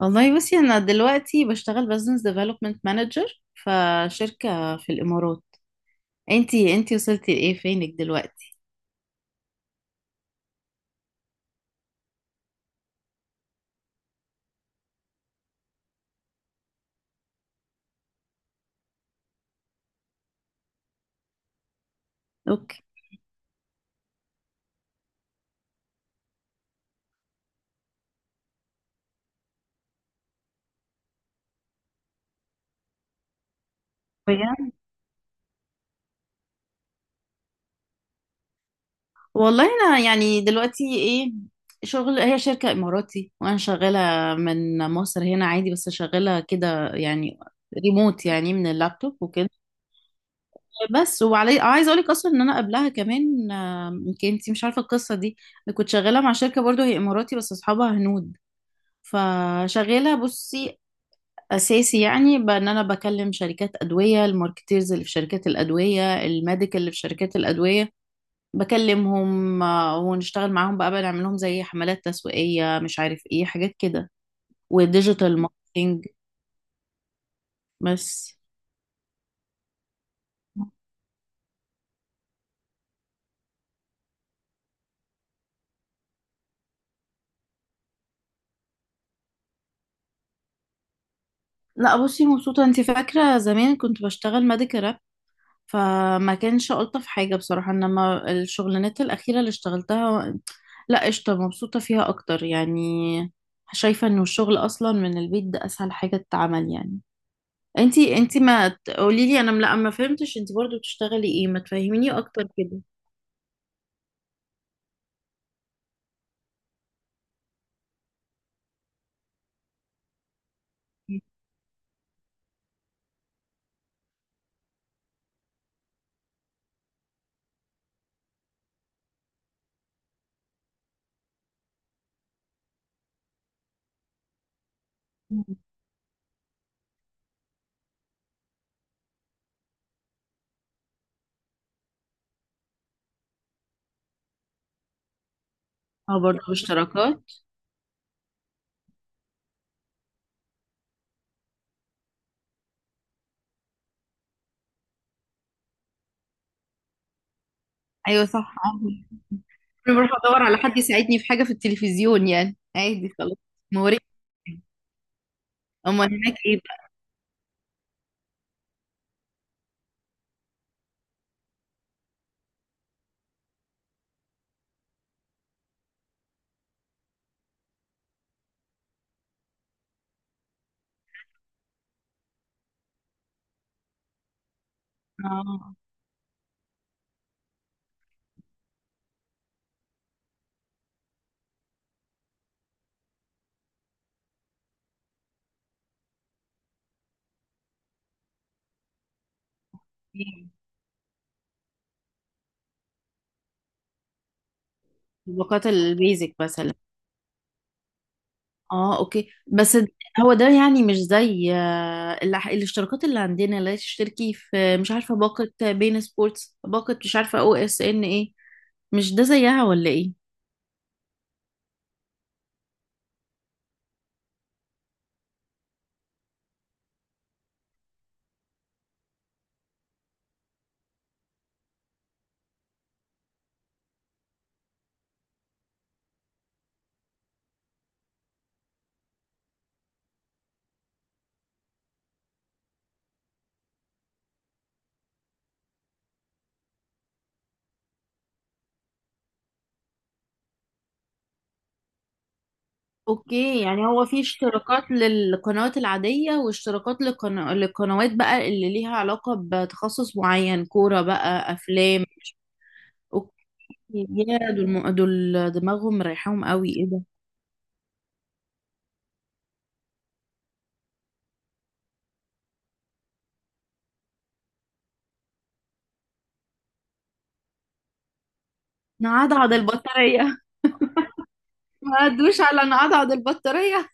والله بصي انا دلوقتي بشتغل بزنس ديفلوبمنت مانجر فشركة في الامارات. انتي وصلتي لايه، فينك دلوقتي؟ اوكي. بجد. والله انا يعني دلوقتي ايه، شغل هي شركة اماراتي وانا شغالة من مصر هنا عادي، بس شغالة كده يعني ريموت يعني من اللابتوب وكده. بس وعلي عايزه اقول لك اصلا ان انا قبلها كمان، يمكن انتي مش عارفه القصه دي. أنا كنت شغاله مع شركه برضو هي اماراتي بس اصحابها هنود. فشغاله بصي اساسي يعني بان انا بكلم شركات ادويه، الماركتيرز اللي في شركات الادويه، الميديكال اللي في شركات الادويه، بكلمهم ونشتغل معاهم بقى، بنعمل لهم زي حملات تسويقيه مش عارف ايه حاجات كده وديجيتال ماركتينج. بس. لا بصي مبسوطه، انت فاكره زمان كنت بشتغل ميديكال راب، فما كانش الطف حاجه بصراحه، انما الشغلانات الاخيره اللي اشتغلتها لا قشطه، مبسوطه فيها اكتر يعني. شايفه انه الشغل اصلا من البيت ده اسهل حاجه تتعمل يعني. انتي ما تقولي لي، لا ما فهمتش انتي برضو بتشتغلي ايه، ما تفهميني اكتر كده. اه برضو اشتراكات. ايوه صح، عادي. انا بروح ادور على حد يساعدني في حاجه في التلفزيون يعني عادي خلاص. موري. اما هناك ايه بقى؟ اه. إيه؟ طبقات البيزك مثلا. اه اوكي. هو ده يعني مش زي الاشتراكات اللي عندنا، لا تشتركي في مش عارفه باقه بين سبورتس، باقه مش عارفه او اس ان ايه، مش ده زيها ولا ايه؟ اوكي يعني هو في اشتراكات للقنوات العادية واشتراكات للقنوات بقى اللي ليها علاقة بتخصص معين، كورة بقى، افلام. اوكي. يا دول دول دماغهم مريحاهم قوي، ايه ده. نعضعض البطارية ما ادوش على نعضعض البطارية.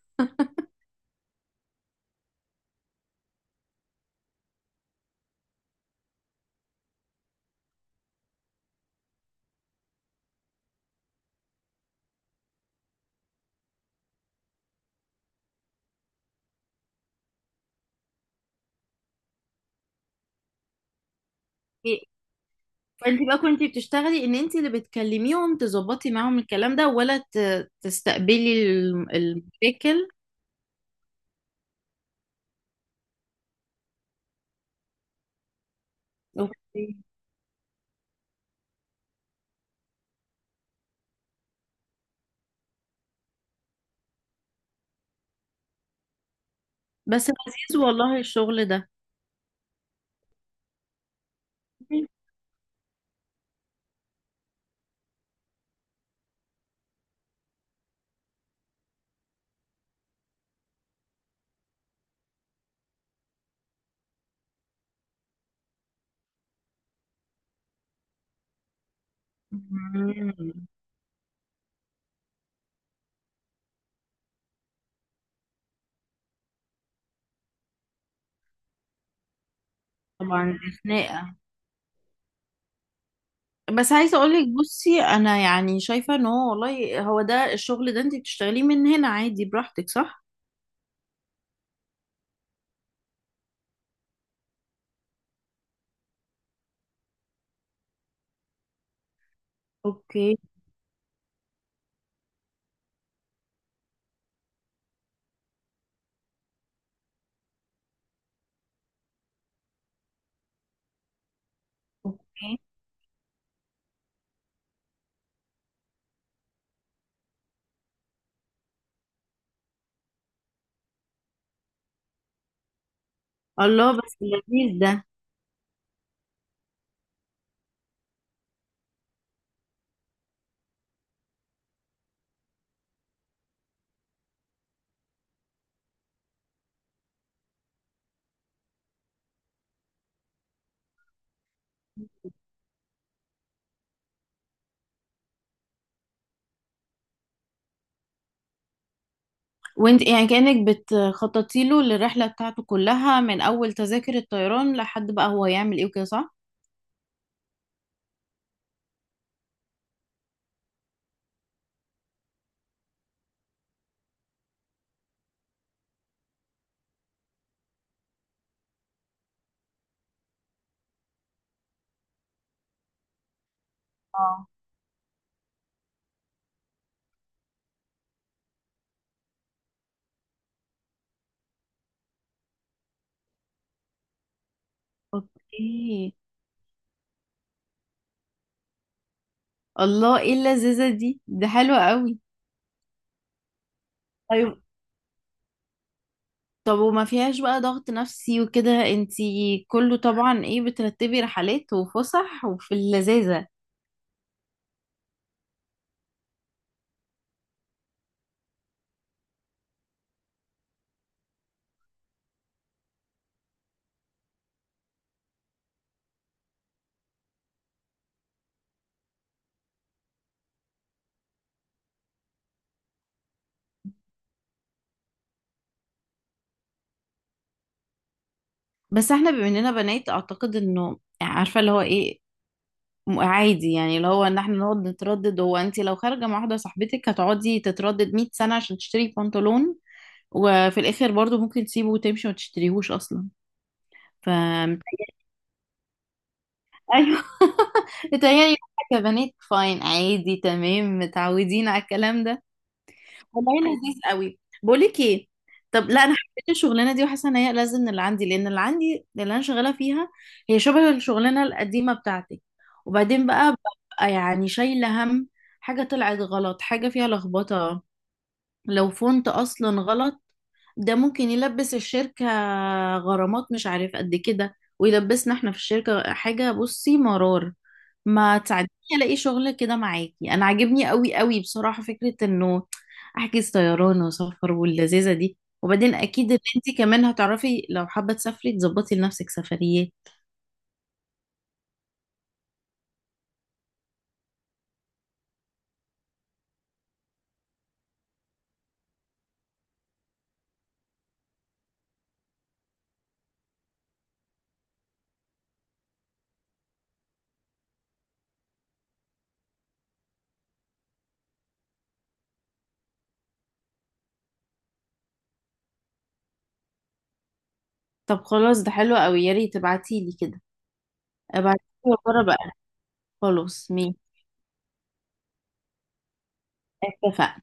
إيه؟ فانت بقى كنت بتشتغلي ان انت اللي بتكلميهم تظبطي معاهم الكلام ده، ولا تستقبلي المشاكل؟ اوكي. بس لذيذ والله الشغل ده. مم. طبعا دي خناقة. بس عايزة اقولك بصي، انا يعني شايفة ان هو والله هو ده، الشغل ده انت بتشتغليه من هنا عادي براحتك صح؟ اوكي. اوكي. الله بس لذيذ ده. وانت يعني كأنك بتخططي له للرحلة بتاعته كلها، من اول تذاكر الطيران لحد بقى هو يعمل ايه وكده، صح؟ اوكي. الله ايه اللذيذة دي، ده حلوة قوي. طيب. طب وما فيهاش بقى ضغط نفسي وكده انتي، كله طبعا ايه، بترتبي رحلات وفسح وفي اللذاذة. بس احنا بما اننا بنات اعتقد انه يعني عارفه اللي هو ايه، عادي يعني، اللي هو ان احنا نقعد نتردد. هو انت لو خارجه مع واحده صاحبتك هتقعدي تتردد 100 سنه عشان تشتري بنطلون، وفي الاخر برضو ممكن تسيبه وتمشي وما تشتريهوش اصلا. ف ايوه. يعني كبنات فاين عادي تمام، متعودين على الكلام ده. والله لذيذ قوي. بقول لك ايه، طب لا انا حبيت الشغلانه دي، وحاسه ان هي لازم من اللي عندي، لان اللي عندي، اللي انا شغاله فيها هي شبه الشغلانه القديمه بتاعتي، وبعدين بقى ببقى يعني شايله هم حاجه طلعت غلط، حاجه فيها لخبطه، لو فونت اصلا غلط ده ممكن يلبس الشركة غرامات مش عارف قد كده، ويلبسنا احنا في الشركة حاجة، بصي مرار. ما تساعديني الاقي شغل كده معاكي، انا عاجبني قوي قوي بصراحة فكرة انه احجز طيران وسفر واللذيذة دي، وبعدين اكيد ان انت كمان هتعرفي لو حابة تسافري تظبطي لنفسك سفريات. طب خلاص ده حلو قوي، يا ريت تبعتيلي كده. ابعتيلي وأجرب بقى. خلاص مين. اتفقنا.